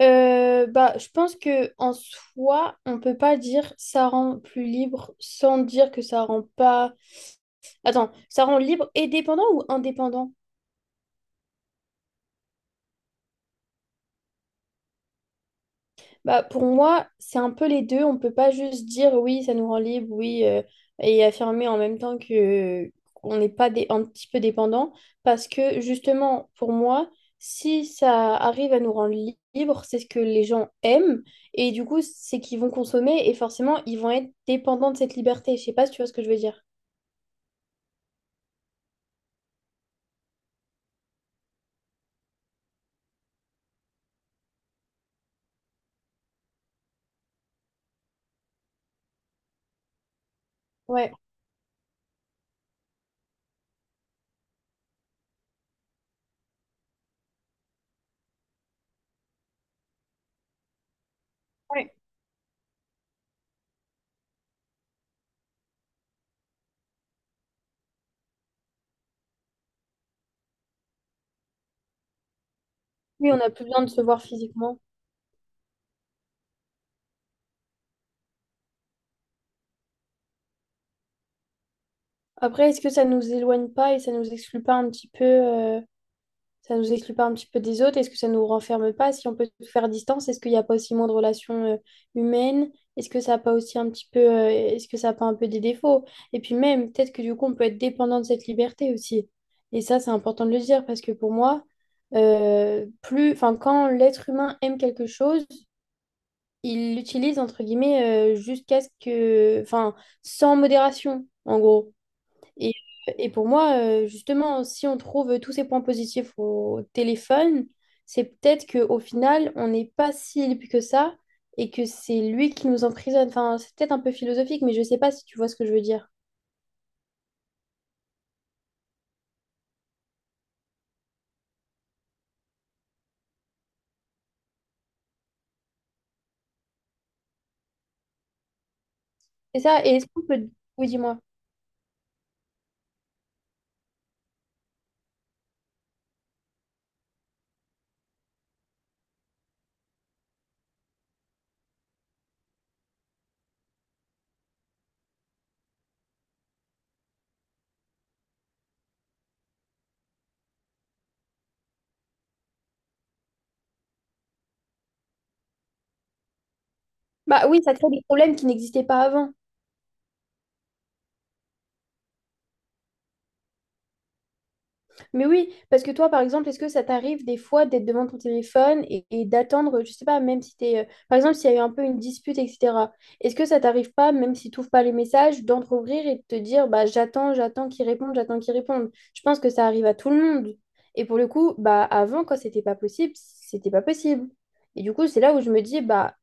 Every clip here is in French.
Bah, je pense que en soi, on peut pas dire ça rend plus libre sans dire que ça rend pas. Attends, ça rend libre et dépendant ou indépendant? Bah, pour moi, c'est un peu les deux. On peut pas juste dire oui, ça nous rend libre, oui, et affirmer en même temps que qu'on n'est pas un petit peu dépendant. Parce que justement, pour moi, si ça arrive à nous rendre libre, c'est ce que les gens aiment. Et du coup, c'est qu'ils vont consommer et forcément, ils vont être dépendants de cette liberté. Je sais pas si tu vois ce que je veux dire. Ouais. Ouais. Oui, on a plus besoin de se voir physiquement. Après, est-ce que ça nous éloigne pas et ça nous exclut pas un petit peu. Ça nous exclut pas un petit peu des autres? Est-ce que ça nous renferme pas? Si on peut tout faire à distance, est-ce qu'il n'y a pas aussi moins de relations humaines? Est-ce que ça n'a pas aussi un petit peu. Est-ce que ça n'a pas un peu des défauts? Et puis même, peut-être que du coup, on peut être dépendant de cette liberté aussi. Et ça, c'est important de le dire parce que pour moi, enfin, quand l'être humain aime quelque chose, il l'utilise entre guillemets, jusqu'à ce que, enfin, sans modération, en gros. Et, et pour moi, justement, si on trouve tous ces points positifs au téléphone, c'est peut-être qu'au final, on n'est pas si libre que ça et que c'est lui qui nous emprisonne. Enfin, c'est peut-être un peu philosophique, mais je sais pas si tu vois ce que je veux dire. C'est ça, et est-ce qu'on peut. Oui, dis-moi. Bah oui, ça crée des problèmes qui n'existaient pas avant. Mais oui, parce que toi, par exemple, est-ce que ça t'arrive des fois d'être devant ton téléphone et d'attendre, je sais pas, même si t'es, par exemple, s'il y a eu un peu une dispute, etc. Est-ce que ça t'arrive pas, même si tu pas les messages, d'entrouvrir et de te dire, bah, j'attends, j'attends qu'ils répondent, j'attends qu'ils répondent. Je pense que ça arrive à tout le monde. Et pour le coup, bah, avant, quand c'était pas possible, c'était pas possible. Et du coup, c'est là où je me dis, bah,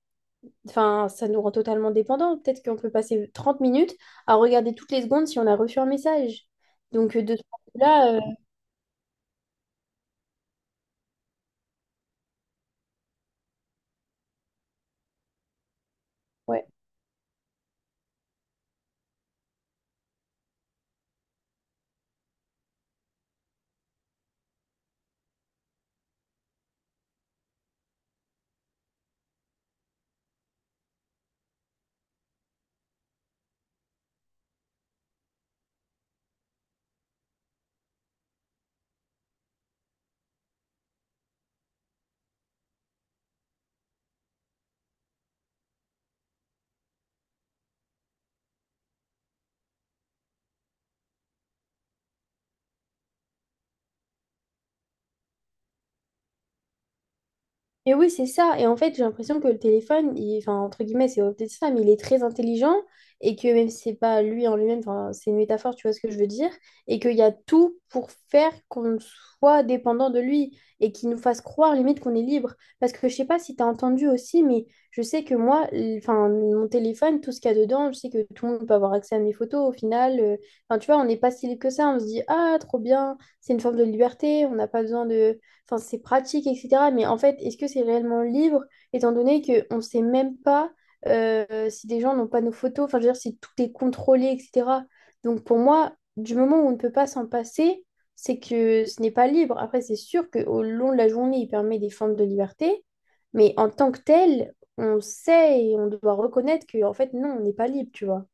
enfin, ça nous rend totalement dépendants. Peut-être qu'on peut passer 30 minutes à regarder toutes les secondes si on a reçu un message. Donc, de ce point de vue-là, ouais. Et oui, c'est ça. Et en fait, j'ai l'impression que le téléphone, enfin, entre guillemets, c'est peut-être ça, mais il est très intelligent et que même si c'est pas lui en lui-même, enfin, c'est une métaphore, tu vois ce que je veux dire, et qu'il y a tout pour faire qu'on soit dépendant de lui et qu'il nous fasse croire limite qu'on est libre. Parce que je sais pas si tu as entendu aussi, mais je sais que moi, enfin, mon téléphone, tout ce qu'il y a dedans, je sais que tout le monde peut avoir accès à mes photos au final. Enfin, tu vois, on n'est pas si libre que ça. On se dit, ah, trop bien, c'est une forme de liberté, on n'a pas besoin de, enfin, c'est pratique, etc. Mais en fait, est-ce que c'est réellement libre, étant donné qu'on ne sait même pas, si des gens n'ont pas nos photos, enfin, je veux dire, si tout est contrôlé, etc. Donc, pour moi, du moment où on ne peut pas s'en passer, c'est que ce n'est pas libre. Après, c'est sûr qu'au long de la journée, il permet des formes de liberté, mais en tant que tel, on sait et on doit reconnaître que, en fait, non, on n'est pas libre, tu vois.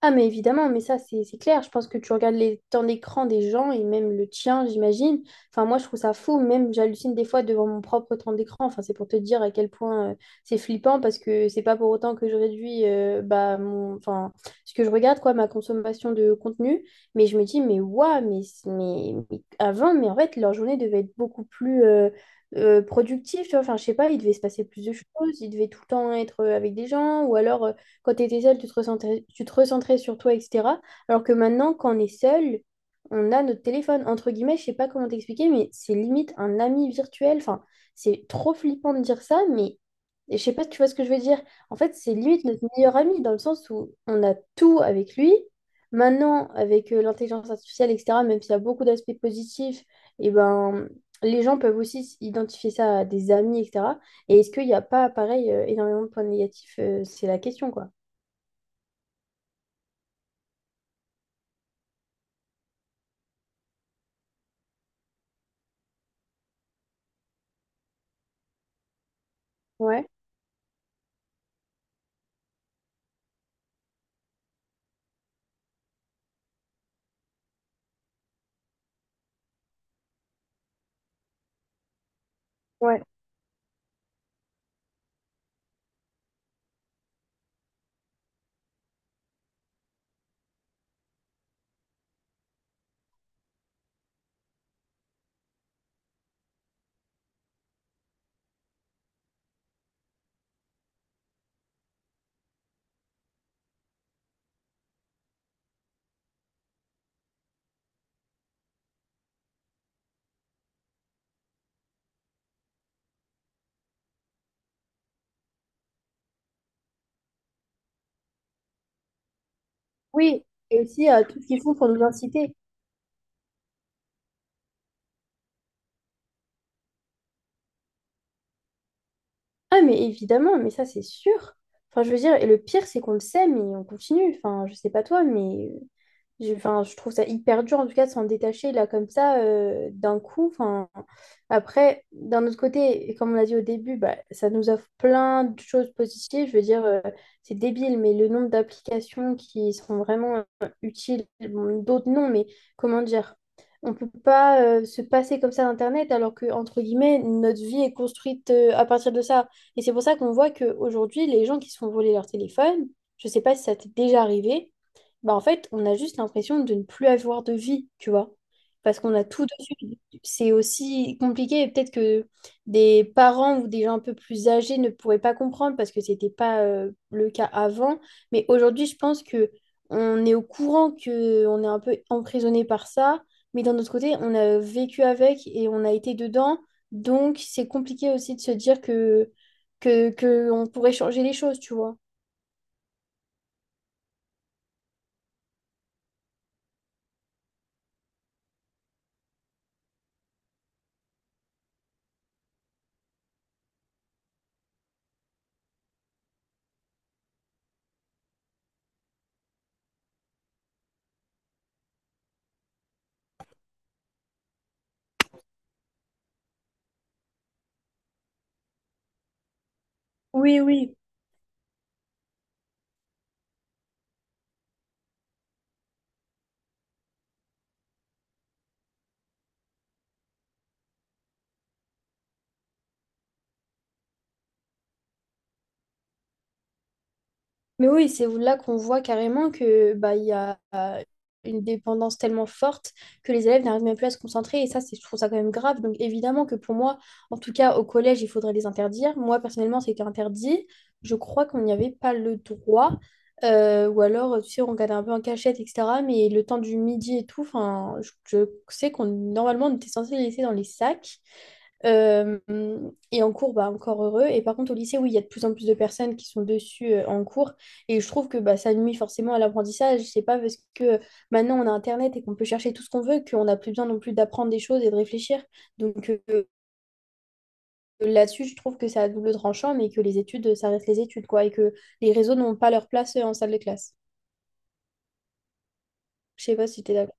Ah, mais évidemment, mais ça, c'est clair. Je pense que tu regardes les temps d'écran des gens et même le tien, j'imagine. Enfin, moi, je trouve ça fou. Même, j'hallucine des fois devant mon propre temps d'écran. Enfin, c'est pour te dire à quel point, c'est flippant parce que c'est pas pour autant que je réduis, enfin, ce que je regarde, quoi, ma consommation de contenu. Mais je me dis, mais waouh, mais avant, mais en fait, leur journée devait être beaucoup plus productive, tu vois. Enfin, je sais pas, il devait se passer plus de choses, ils devaient tout le temps être, avec des gens, ou alors quand tu étais seul, tu te recentrais sur toi, etc. Alors que maintenant, quand on est seul, on a notre téléphone. Entre guillemets, je sais pas comment t'expliquer, mais c'est limite un ami virtuel. Enfin, c'est trop flippant de dire ça, mais je sais pas si tu vois ce que je veux dire. En fait, c'est limite notre meilleur ami dans le sens où on a tout avec lui. Maintenant, avec, l'intelligence artificielle, etc., même s'il y a beaucoup d'aspects positifs, et ben, les gens peuvent aussi identifier ça à des amis, etc. Et est-ce qu'il n'y a pas, pareil, énormément de points négatifs? C'est la question, quoi. Ouais, ouais. Oui, et aussi, tout ce qu'ils font pour nous inciter. Ah, mais évidemment, mais ça, c'est sûr. Enfin, je veux dire, et le pire, c'est qu'on le sait, mais on continue. Enfin, je sais pas toi, mais enfin, je trouve ça hyper dur en tout cas de s'en détacher là comme ça, d'un coup. Enfin, après, d'un autre côté, et comme on l'a dit au début, bah, ça nous offre plein de choses positives. Je veux dire, c'est débile, mais le nombre d'applications qui sont vraiment utiles, bon, d'autres non, mais comment dire, on peut pas, se passer comme ça d'Internet alors que, entre guillemets, notre vie est construite, à partir de ça. Et c'est pour ça qu'on voit qu'aujourd'hui, les gens qui se font voler leur téléphone, je sais pas si ça t'est déjà arrivé. Bah en fait, on a juste l'impression de ne plus avoir de vie, tu vois, parce qu'on a tout dessus. C'est aussi compliqué et peut-être que des parents ou des gens un peu plus âgés ne pourraient pas comprendre parce que c'était pas, le cas avant. Mais aujourd'hui, je pense que on est au courant que on est un peu emprisonné par ça, mais d'un autre côté, on a vécu avec et on a été dedans, donc c'est compliqué aussi de se dire que on pourrait changer les choses, tu vois. Oui, oui. Mais oui, c'est là qu'on voit carrément que bah, il y a, une dépendance tellement forte que les élèves n'arrivent même plus à se concentrer. Et ça, c'est, je trouve ça quand même grave. Donc évidemment que pour moi, en tout cas au collège, il faudrait les interdire. Moi, personnellement, c'était interdit. Je crois qu'on n'y avait pas le droit. Ou alors, tu sais, on regardait un peu en cachette, etc. Mais le temps du midi et tout, enfin, je sais qu'on normalement on était censé les laisser dans les sacs. Euh, et en cours, bah, encore heureux. Et par contre, au lycée, oui, il y a de plus en plus de personnes qui sont dessus, en cours. Et je trouve que bah, ça nuit forcément à l'apprentissage. C'est pas parce que, maintenant on a Internet et qu'on peut chercher tout ce qu'on veut qu'on n'a plus besoin non plus d'apprendre des choses et de réfléchir. Donc, là-dessus, je trouve que ça a double tranchant, mais que les études, ça reste les études, quoi. Et que les réseaux n'ont pas leur place, en salle de classe. Je sais pas si tu es d'accord.